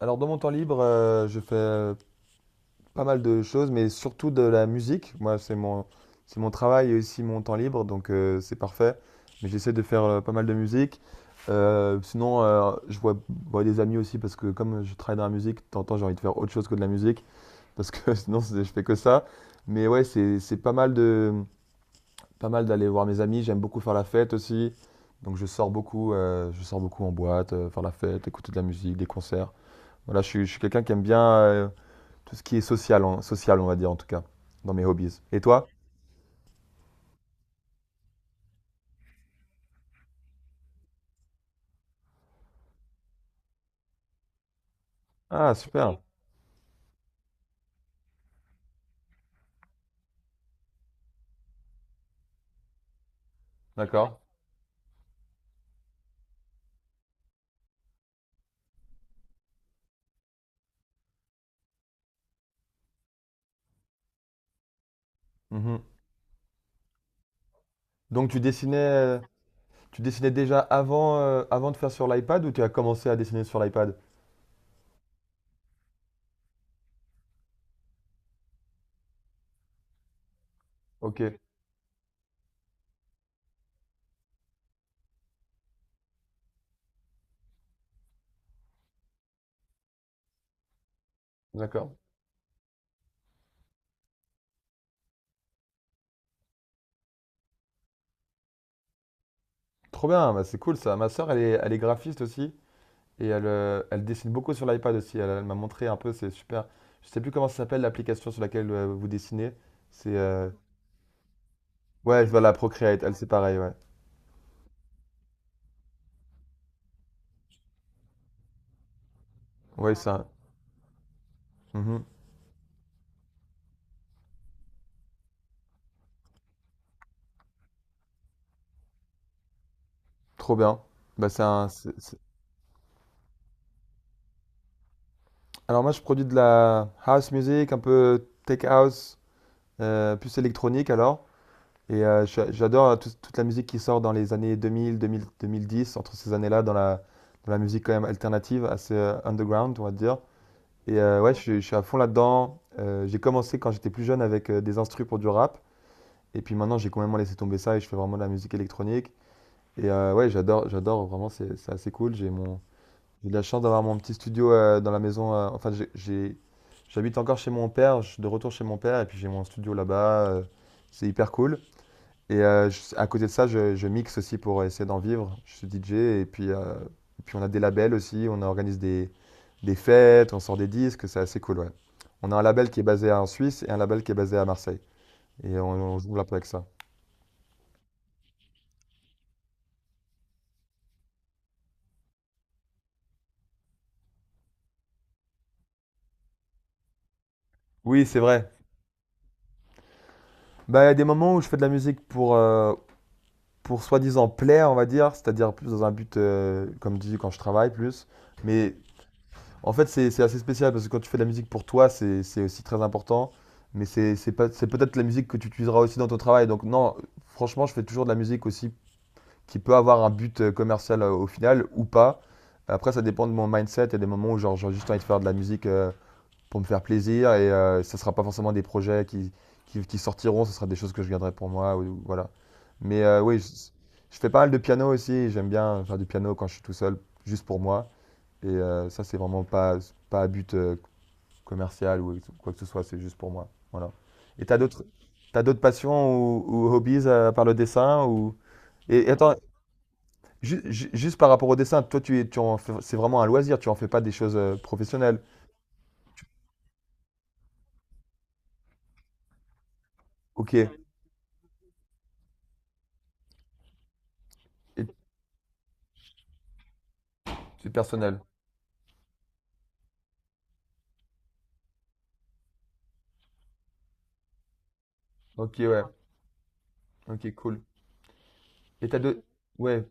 Alors dans mon temps libre, je fais pas mal de choses, mais surtout de la musique. Moi, c'est mon travail et aussi mon temps libre, donc c'est parfait. Mais j'essaie de faire pas mal de musique. Sinon, vois des amis aussi parce que comme je travaille dans la musique, de temps en temps, j'ai envie de faire autre chose que de la musique parce que sinon, je fais que ça. Mais ouais, c'est pas mal de, pas mal d'aller voir mes amis. J'aime beaucoup faire la fête aussi, donc je sors beaucoup en boîte, faire la fête, écouter de la musique, des concerts. Voilà, je suis quelqu'un qui aime bien. Tout ce qui est social, social, on va dire en tout cas, dans mes hobbies. Et toi? Ah, super. D'accord. Mhm. Donc tu dessinais déjà avant, avant de faire sur l'iPad ou tu as commencé à dessiner sur l'iPad? Ok, d'accord. Trop bien, bah, c'est cool ça. Ma sœur, elle est graphiste aussi et elle dessine beaucoup sur l'iPad aussi. Elle m'a montré un peu, c'est super. Je sais plus comment ça s'appelle l'application sur laquelle vous dessinez. C'est ouais, voilà, Procreate. Elle, c'est pareil, ouais. Ouais, ça. Mhm. Trop bien. Bah, alors moi, je produis de la house music, un peu tech house, plus électronique alors. Et j'adore toute la musique qui sort dans les années 2000, 2000, 2010, entre ces années-là, dans la musique quand même alternative, assez underground, on va dire. Et ouais, je suis à fond là-dedans. J'ai commencé quand j'étais plus jeune avec des instrus pour du rap. Et puis maintenant, j'ai complètement laissé tomber ça et je fais vraiment de la musique électronique. Et ouais, j'adore vraiment, c'est assez cool. J'ai de la chance d'avoir mon petit studio dans la maison. J'habite encore chez mon père, je suis de retour chez mon père, et puis j'ai mon studio là-bas. C'est hyper cool. Et à côté de ça, je mixe aussi pour essayer d'en vivre. Je suis DJ, et puis, on a des labels aussi, des fêtes, on sort des disques, c'est assez cool, ouais. On a un label qui est basé en Suisse et un label qui est basé à Marseille. Et on, on se développe avec ça. Oui, c'est vrai. Bah, il y a des moments où je fais de la musique pour soi-disant plaire, on va dire, c'est-à-dire plus dans un but, comme je dis quand je travaille plus. Mais en fait, c'est assez spécial parce que quand tu fais de la musique pour toi, c'est aussi très important. Mais c'est pas- c'est peut-être la musique que tu utiliseras aussi dans ton travail. Donc non, franchement, je fais toujours de la musique aussi qui peut avoir un but commercial au final ou pas. Après, ça dépend de mon mindset. Il y a des moments où genre, j'ai juste envie de faire de la musique. Pour me faire plaisir. Et ça sera pas forcément des projets qui sortiront, ce sera des choses que je garderai pour moi. Voilà. Mais je fais pas mal de piano aussi. J'aime bien faire du piano quand je suis tout seul, juste pour moi. Et ça, c'est vraiment pas, pas à but commercial ou quoi que ce soit, c'est juste pour moi. Voilà. Et t'as d'autres passions ou hobbies par le dessin ou... et attends, juste par rapport au dessin, toi, tu, es- tu en fais- c'est vraiment un loisir, tu en fais pas des choses professionnelles. Ok, et personnelles. Ok, ouais. Ok, cool. Et t'as deux... Ouais,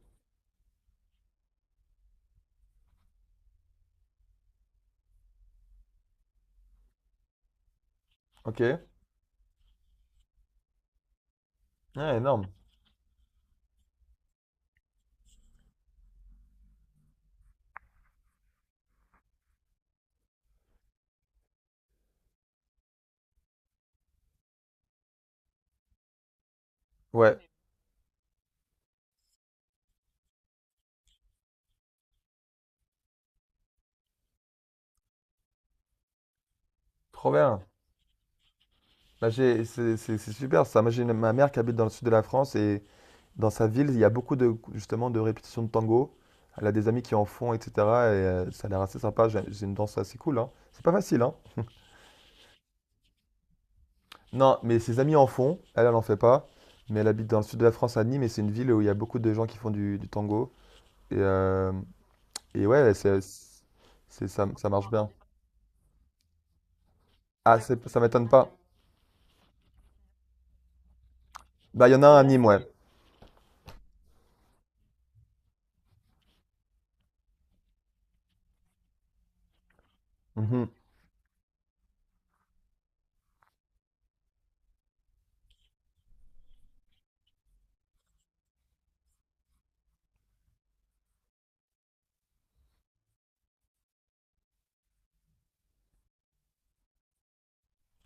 ok. Ouais, énorme. Ouais, trop bien. Bah, c'est super ça. Moi, ma mère qui habite dans le sud de la France et dans sa ville, il y a beaucoup de, justement, de répétitions de tango. Elle a des amis qui en font, etc. Et ça a l'air assez sympa. J'ai une danse assez cool, hein. C'est pas facile, hein. Non, mais ses amis en font. Elle, elle en fait pas. Mais elle habite dans le sud de la France, à Nîmes, et c'est une ville où il y a beaucoup de gens qui font du tango. Et, ouais, ça, ça marche bien. Ah, ça m'étonne pas. Bah, il y en a un à Nîmes, ouais. Mhm.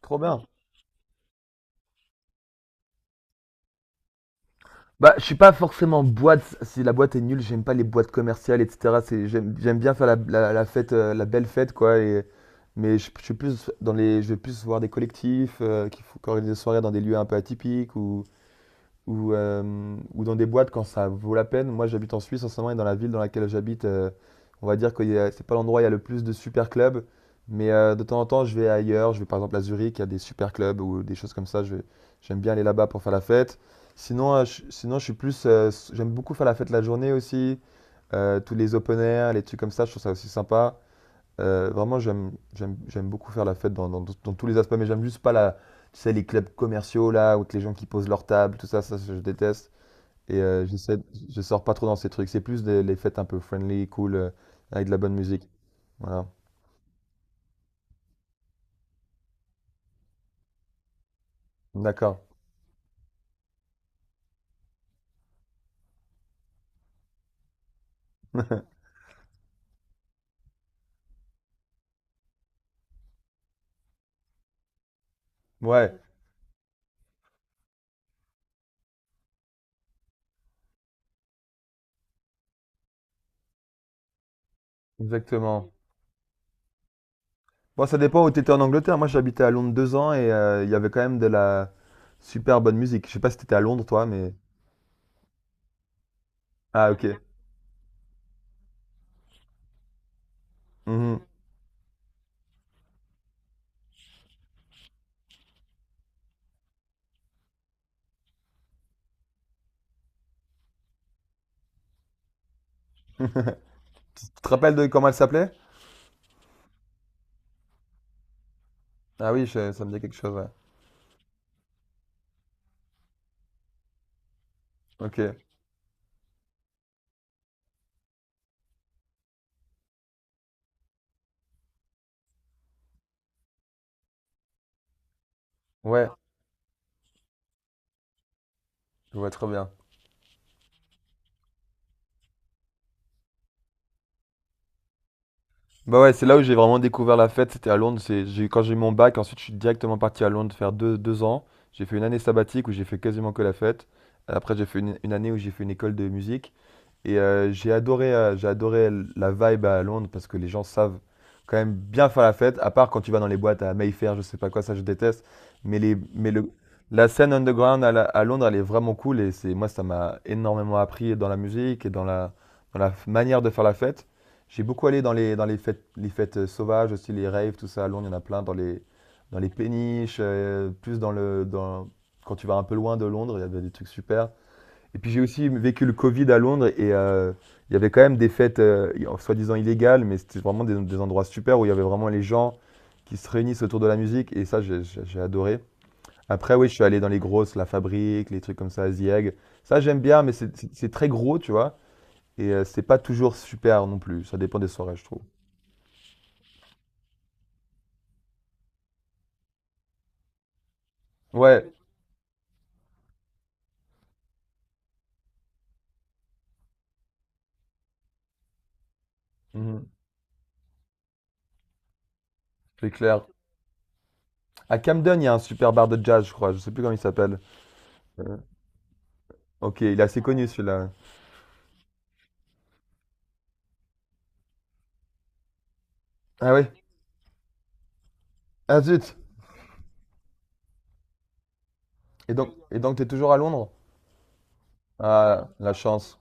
Trop bien. Bah, je suis pas forcément boîte. Si la boîte est nulle, j'aime pas les boîtes commerciales, etc. C'est, j'aime bien faire la fête, la belle fête, quoi. Et, mais je suis plus dans les, je vais plus voir des collectifs qui organisent des soirées dans des lieux un peu atypiques ou dans des boîtes quand ça vaut la peine. Moi, j'habite en Suisse en ce moment et dans la ville dans laquelle j'habite, on va dire que c'est pas l'endroit où il y a le plus de super clubs, mais de temps en temps, je vais ailleurs. Je vais par exemple à Zurich, il y a des super clubs ou des choses comme ça. J'aime bien aller là-bas pour faire la fête. Sinon, sinon, je suis plus, j'aime beaucoup faire la fête la journée aussi. Tous les open air, les trucs comme ça, je trouve ça aussi sympa. Vraiment, j'aime beaucoup faire la fête dans tous les aspects, mais j'aime juste pas tu sais, les clubs commerciaux là, où que les gens qui posent leur table, tout ça, ça je déteste. Et je sors pas trop dans ces trucs. C'est plus les fêtes un peu friendly, cool, avec de la bonne musique. Voilà. D'accord. Ouais, exactement. Bon, ça dépend où tu étais en Angleterre. Moi, j'habitais à Londres 2 ans et il y avait quand même de la super bonne musique. Je sais pas si t'étais à Londres, toi, mais. Ah, ok. Mhm. Tu te rappelles de comment elle s'appelait? Ah oui, ça me dit quelque chose, ouais. Ok. Ouais. Je vois très bien. Bah ouais, c'est là où j'ai vraiment découvert la fête, c'était à Londres. Quand j'ai eu mon bac, ensuite je suis directement parti à Londres faire 2 ans. J'ai fait une année sabbatique où j'ai fait quasiment que la fête. Après j'ai fait une année où j'ai fait une école de musique. Et j'ai adoré la vibe à Londres parce que les gens savent quand même bien faire la fête, à part quand tu vas dans les boîtes à Mayfair, je sais pas quoi, ça je déteste. Mais, la scène underground à Londres, elle est vraiment cool et moi, ça m'a énormément appris dans la musique et dans la manière de faire la fête. J'ai beaucoup allé dans les fêtes sauvages, aussi les raves, tout ça. À Londres, il y en a plein dans les péniches, plus dans le, dans, quand tu vas un peu loin de Londres, il y avait des trucs super. Et puis j'ai aussi vécu le Covid à Londres et il y avait quand même des fêtes soi-disant illégales, mais c'était vraiment des endroits super où il y avait vraiment les gens qui se réunissent autour de la musique et ça j'ai adoré. Après oui, je suis allé dans les grosses, La Fabrique, les trucs comme ça, Zieg. Ça j'aime bien, mais c'est très gros, tu vois, et c'est pas toujours super non plus. Ça dépend des soirées, je trouve. Ouais, mhm, c'est clair. À Camden, il y a un super bar de jazz, je crois. Je sais plus comment il s'appelle. Ok, il est assez connu celui-là. Ah ouais. Ah zut. Et donc t'es toujours à Londres? Ah, la chance.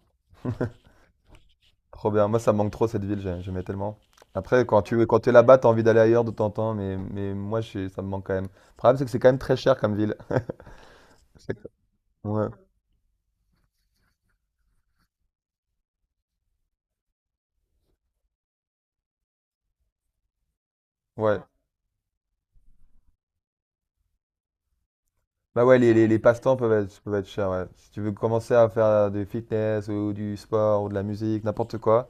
Trop bien. Moi, ça me manque trop cette ville, j'aimais tellement. Après, quand t'es là-bas, t'as envie d'aller ailleurs de temps en temps, mais moi, ça me manque quand même. Le problème, c'est que c'est quand même très cher comme ville. C'est que- ouais. Ouais. Bah ouais, les passe-temps peuvent être chers, ouais. Si tu veux commencer à faire du fitness ou du sport ou de la musique, n'importe quoi,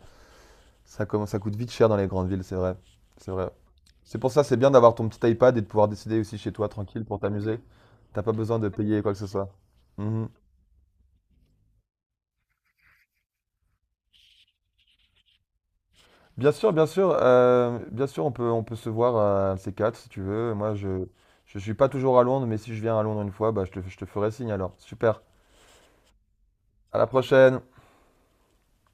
ça coûte vite cher dans les grandes villes, c'est vrai. C'est vrai. C'est pour ça, c'est bien d'avoir ton petit iPad et de pouvoir décider aussi chez toi, tranquille, pour t'amuser. T'as pas besoin de payer quoi que ce soit. Mhm. Bien sûr, on peut se voir à un de ces quatre si tu veux. Je suis pas toujours à Londres, mais si je viens à Londres une fois, bah, je te ferai signe alors. Super. À la prochaine.